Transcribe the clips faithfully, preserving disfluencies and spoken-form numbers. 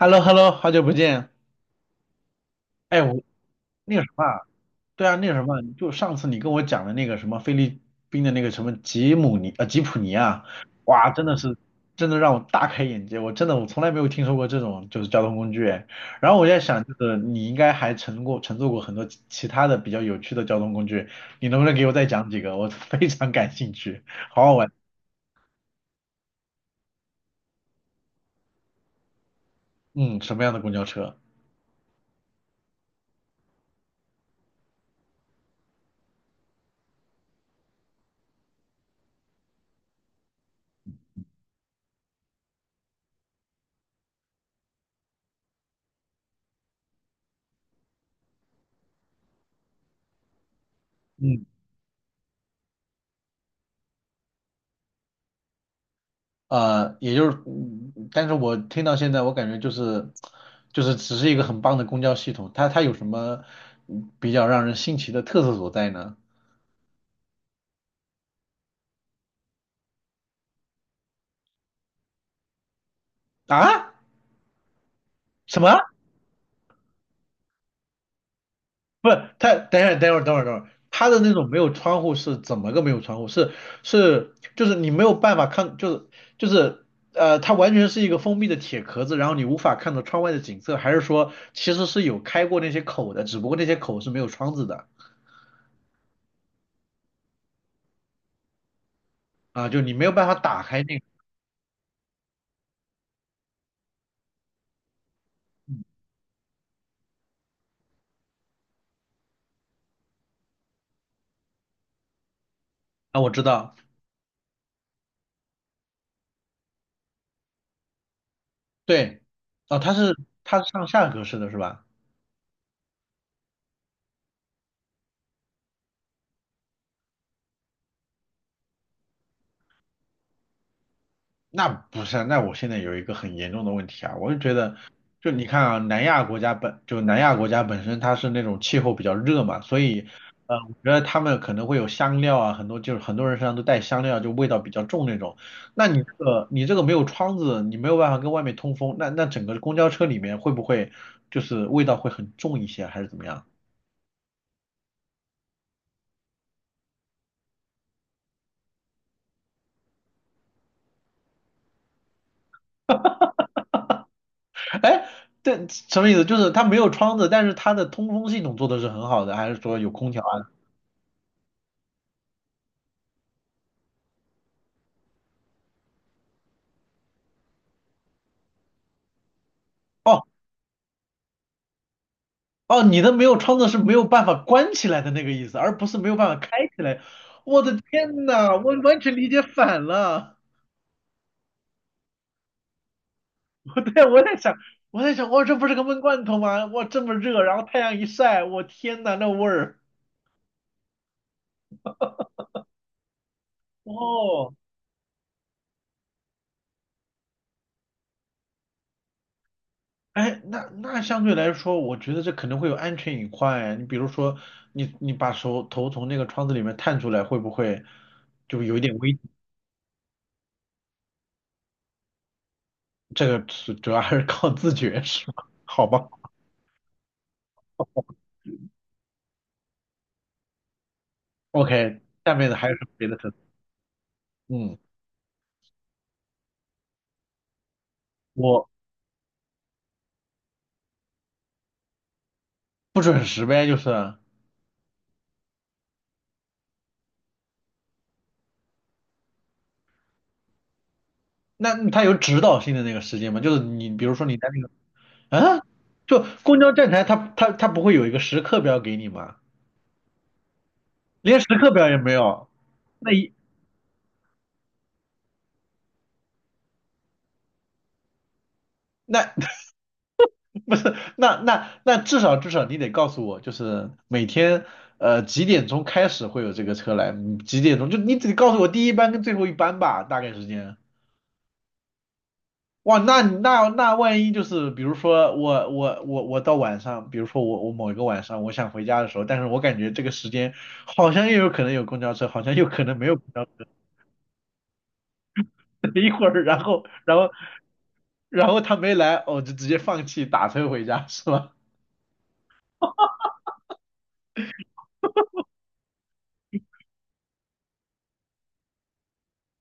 h e l l o h e l l o 好久不见。哎，我那个什么啊。对啊，那个什么，就上次你跟我讲的那个什么菲律宾的那个什么吉姆尼呃吉普尼啊。哇，真的是真的让我大开眼界。我真的我从来没有听说过这种就是交通工具哎。然后我在想，就是你应该还乘过乘坐过很多其其他的比较有趣的交通工具，你能不能给我再讲几个？我 非常感兴趣，好好玩。嗯，什么样的公交车？嗯。呃，也就是，嗯但是我听到现在，我感觉就是，就是只是一个很棒的公交系统。它它有什么嗯比较让人新奇的特色所在呢？啊？什么？不是，它等一下，等会儿，等会儿，等会儿，它的那种没有窗户是怎么个没有窗户？是是，就是你没有办法看，就是就是呃，它完全是一个封闭的铁壳子，然后你无法看到窗外的景色。还是说其实是有开过那些口的，只不过那些口是没有窗子的。啊？就你没有办法打开那个。啊，我知道。对。哦，它是它是上下格式的是吧？那不是啊，那我现在有一个很严重的问题啊。我就觉得，就你看啊，南亚国家本就南亚国家本身它是那种气候比较热嘛。所以呃，我觉得他们可能会有香料啊，很多就是很多人身上都带香料，就味道比较重那种。那你这个你这个没有窗子，你没有办法跟外面通风，那那整个公交车里面会不会就是味道会很重一些，还是怎么样？哎，但什么意思？就是它没有窗子，但是它的通风系统做的是很好的，还是说有空调啊？哦哦，你的没有窗子是没有办法关起来的那个意思，而不是没有办法开起来。我的天呐，我完全理解反了。我对，我在想，我在想，哇，这不是个闷罐头吗？哇，这么热，然后太阳一晒，我天呐，那味儿。哦。哎，那那相对来说，我觉得这可能会有安全隐患哎。你比如说，你你把手头从那个窗子里面探出来，会不会就有一点危？这个是主要还是靠自觉，是吧？好吧，OK，下面的还有什么别的特。嗯，我不准时呗，就是。那他有指导性的那个时间吗？就是你比如说你在那个啊，就公交站台它，它它不会有一个时刻表给你吗？连时刻表也没有。那一那 不是，那那那至少至少你得告诉我，就是每天呃几点钟开始会有这个车来，嗯几点钟就你只告诉我第一班跟最后一班吧，大概时间。哇，那你那那万一就是比如说我我我我到晚上，比如说我我某一个晚上我想回家的时候，但是我感觉这个时间好像又有可能有公交车，好像又可能没有公交车，一会儿然后然后然后他没来，哦就直接放弃打车回家是吧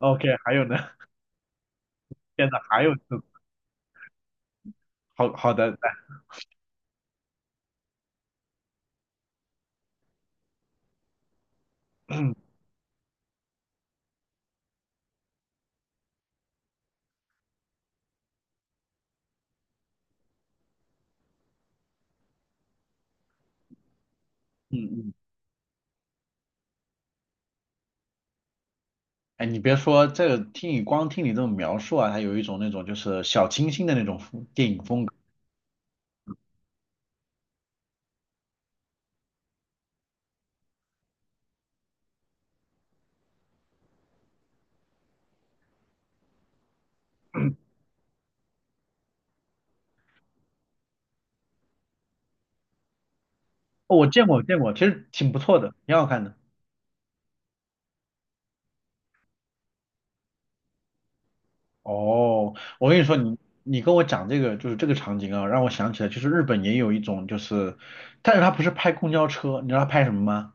？OK，还有呢？天呐，还有这好好的，来 嗯嗯，哎，你别说这个，听你光听你这种描述啊，它有一种那种就是小清新的那种风电影风格。哦，我见过，见过，其实挺不错的，挺好看的。哦，我跟你说，你你跟我讲这个就是这个场景啊，让我想起来，就是日本也有一种就是，但是他不是拍公交车，你知道他拍什么吗？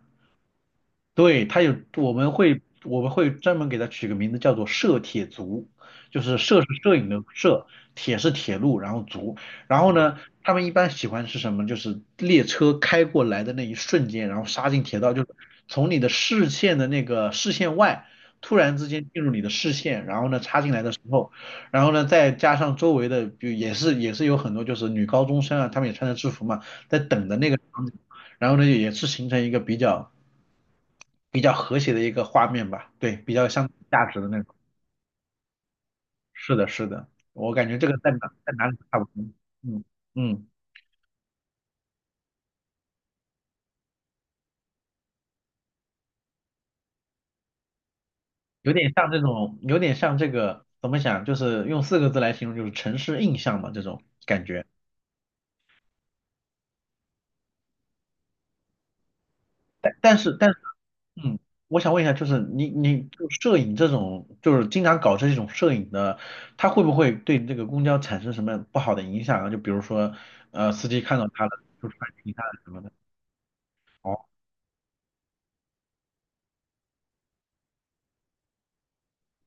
对，它有，我们会我们会专门给它取个名字，叫做摄铁族。就是摄是摄影的摄，铁是铁路，然后族。然后呢，他们一般喜欢是什么？就是列车开过来的那一瞬间，然后杀进铁道，就是从你的视线的那个视线外，突然之间进入你的视线。然后呢插进来的时候，然后呢再加上周围的，就也是也是有很多就是女高中生啊，她们也穿着制服嘛，在等的那个场景，然后呢也是形成一个比较。比较和谐的一个画面吧。对，比较相价值的那种。是的，是的，我感觉这个在哪在哪里都差不多。嗯嗯，有点像这种，有点像这个怎么讲，就是用四个字来形容，就是城市印象嘛，这种感觉。但是但是，嗯，我想问一下，就是你你就摄影这种，就是经常搞这种摄影的，它会不会对这个公交产生什么不好的影响啊？就比如说，呃，司机看到他了，就穿其他的什么的。哦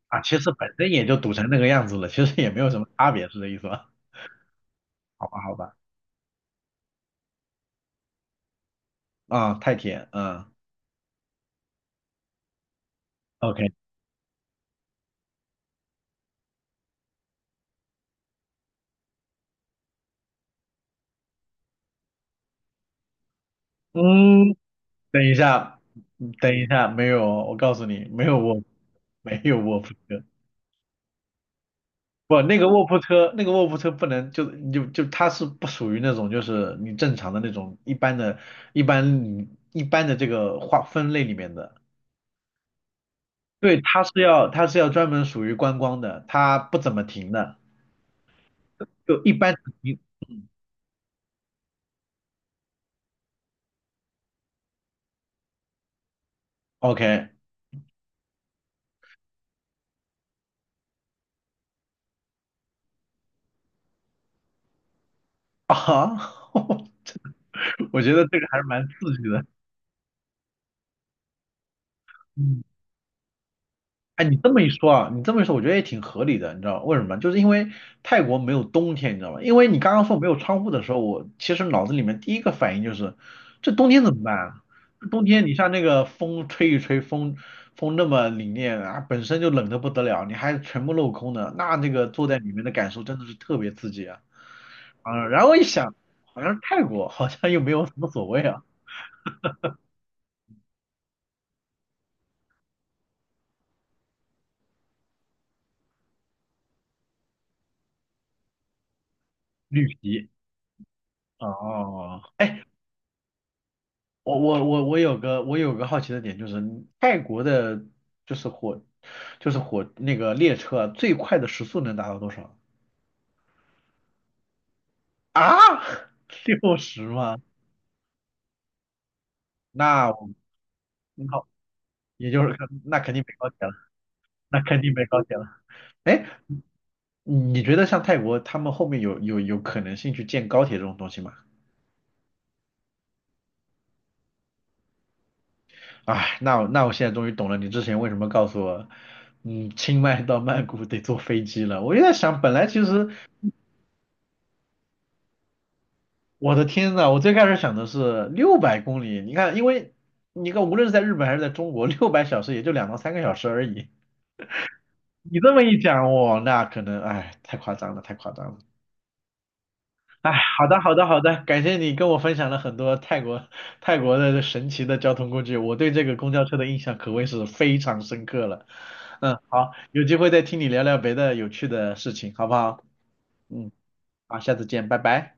啊，其实本身也就堵成那个样子了，其实也没有什么差别，是这意思吧？好吧，好吧。啊、太甜，嗯，OK，嗯，等一下，等一下，没有，我告诉你，没有卧，没有卧铺车。不，那个卧铺车，那个卧铺车不能就就就它是不属于那种就是你正常的那种一般的、一般一般的这个划分类里面的。对，它是要它是要专门属于观光的，它不怎么停的，就一般停。OK，啊，我觉得这个还是蛮刺激的。嗯，哎，你这么一说啊，你这么一说，我觉得也挺合理的。你知道为什么吗？就是因为泰国没有冬天，你知道吗？因为你刚刚说没有窗户的时候，我其实脑子里面第一个反应就是，这冬天怎么办啊？这冬天你像那个风吹一吹，风风那么凛冽啊，本身就冷得不得了，你还全部镂空的，那那个坐在里面的感受真的是特别刺激啊。啊，然后一想，好像是泰国好像又没有什么所谓啊。绿皮。哦，哎，我我我我有个我有个好奇的点就是，泰国的就是火就是火那个列车啊最快的时速能达到多少啊？六十吗？那我好，也就是那肯定没高铁了，那肯定没高铁了。哎，你你觉得像泰国他们后面有有有可能性去建高铁这种东西吗？哎，那我那我现在终于懂了，你之前为什么告诉我，嗯，清迈到曼谷得坐飞机了。我就在想，本来其实我的天呐，我最开始想的是六百公里，你看，因为你看，无论是在日本还是在中国，六百小时也就两到三个小时而已。你这么一讲，我那可能，哎，太夸张了，太夸张了。哎，好的，好的，好的，感谢你跟我分享了很多泰国泰国的神奇的交通工具。我对这个公交车的印象可谓是非常深刻了。嗯，好，有机会再听你聊聊别的有趣的事情，好不好？嗯，好，下次见，拜拜。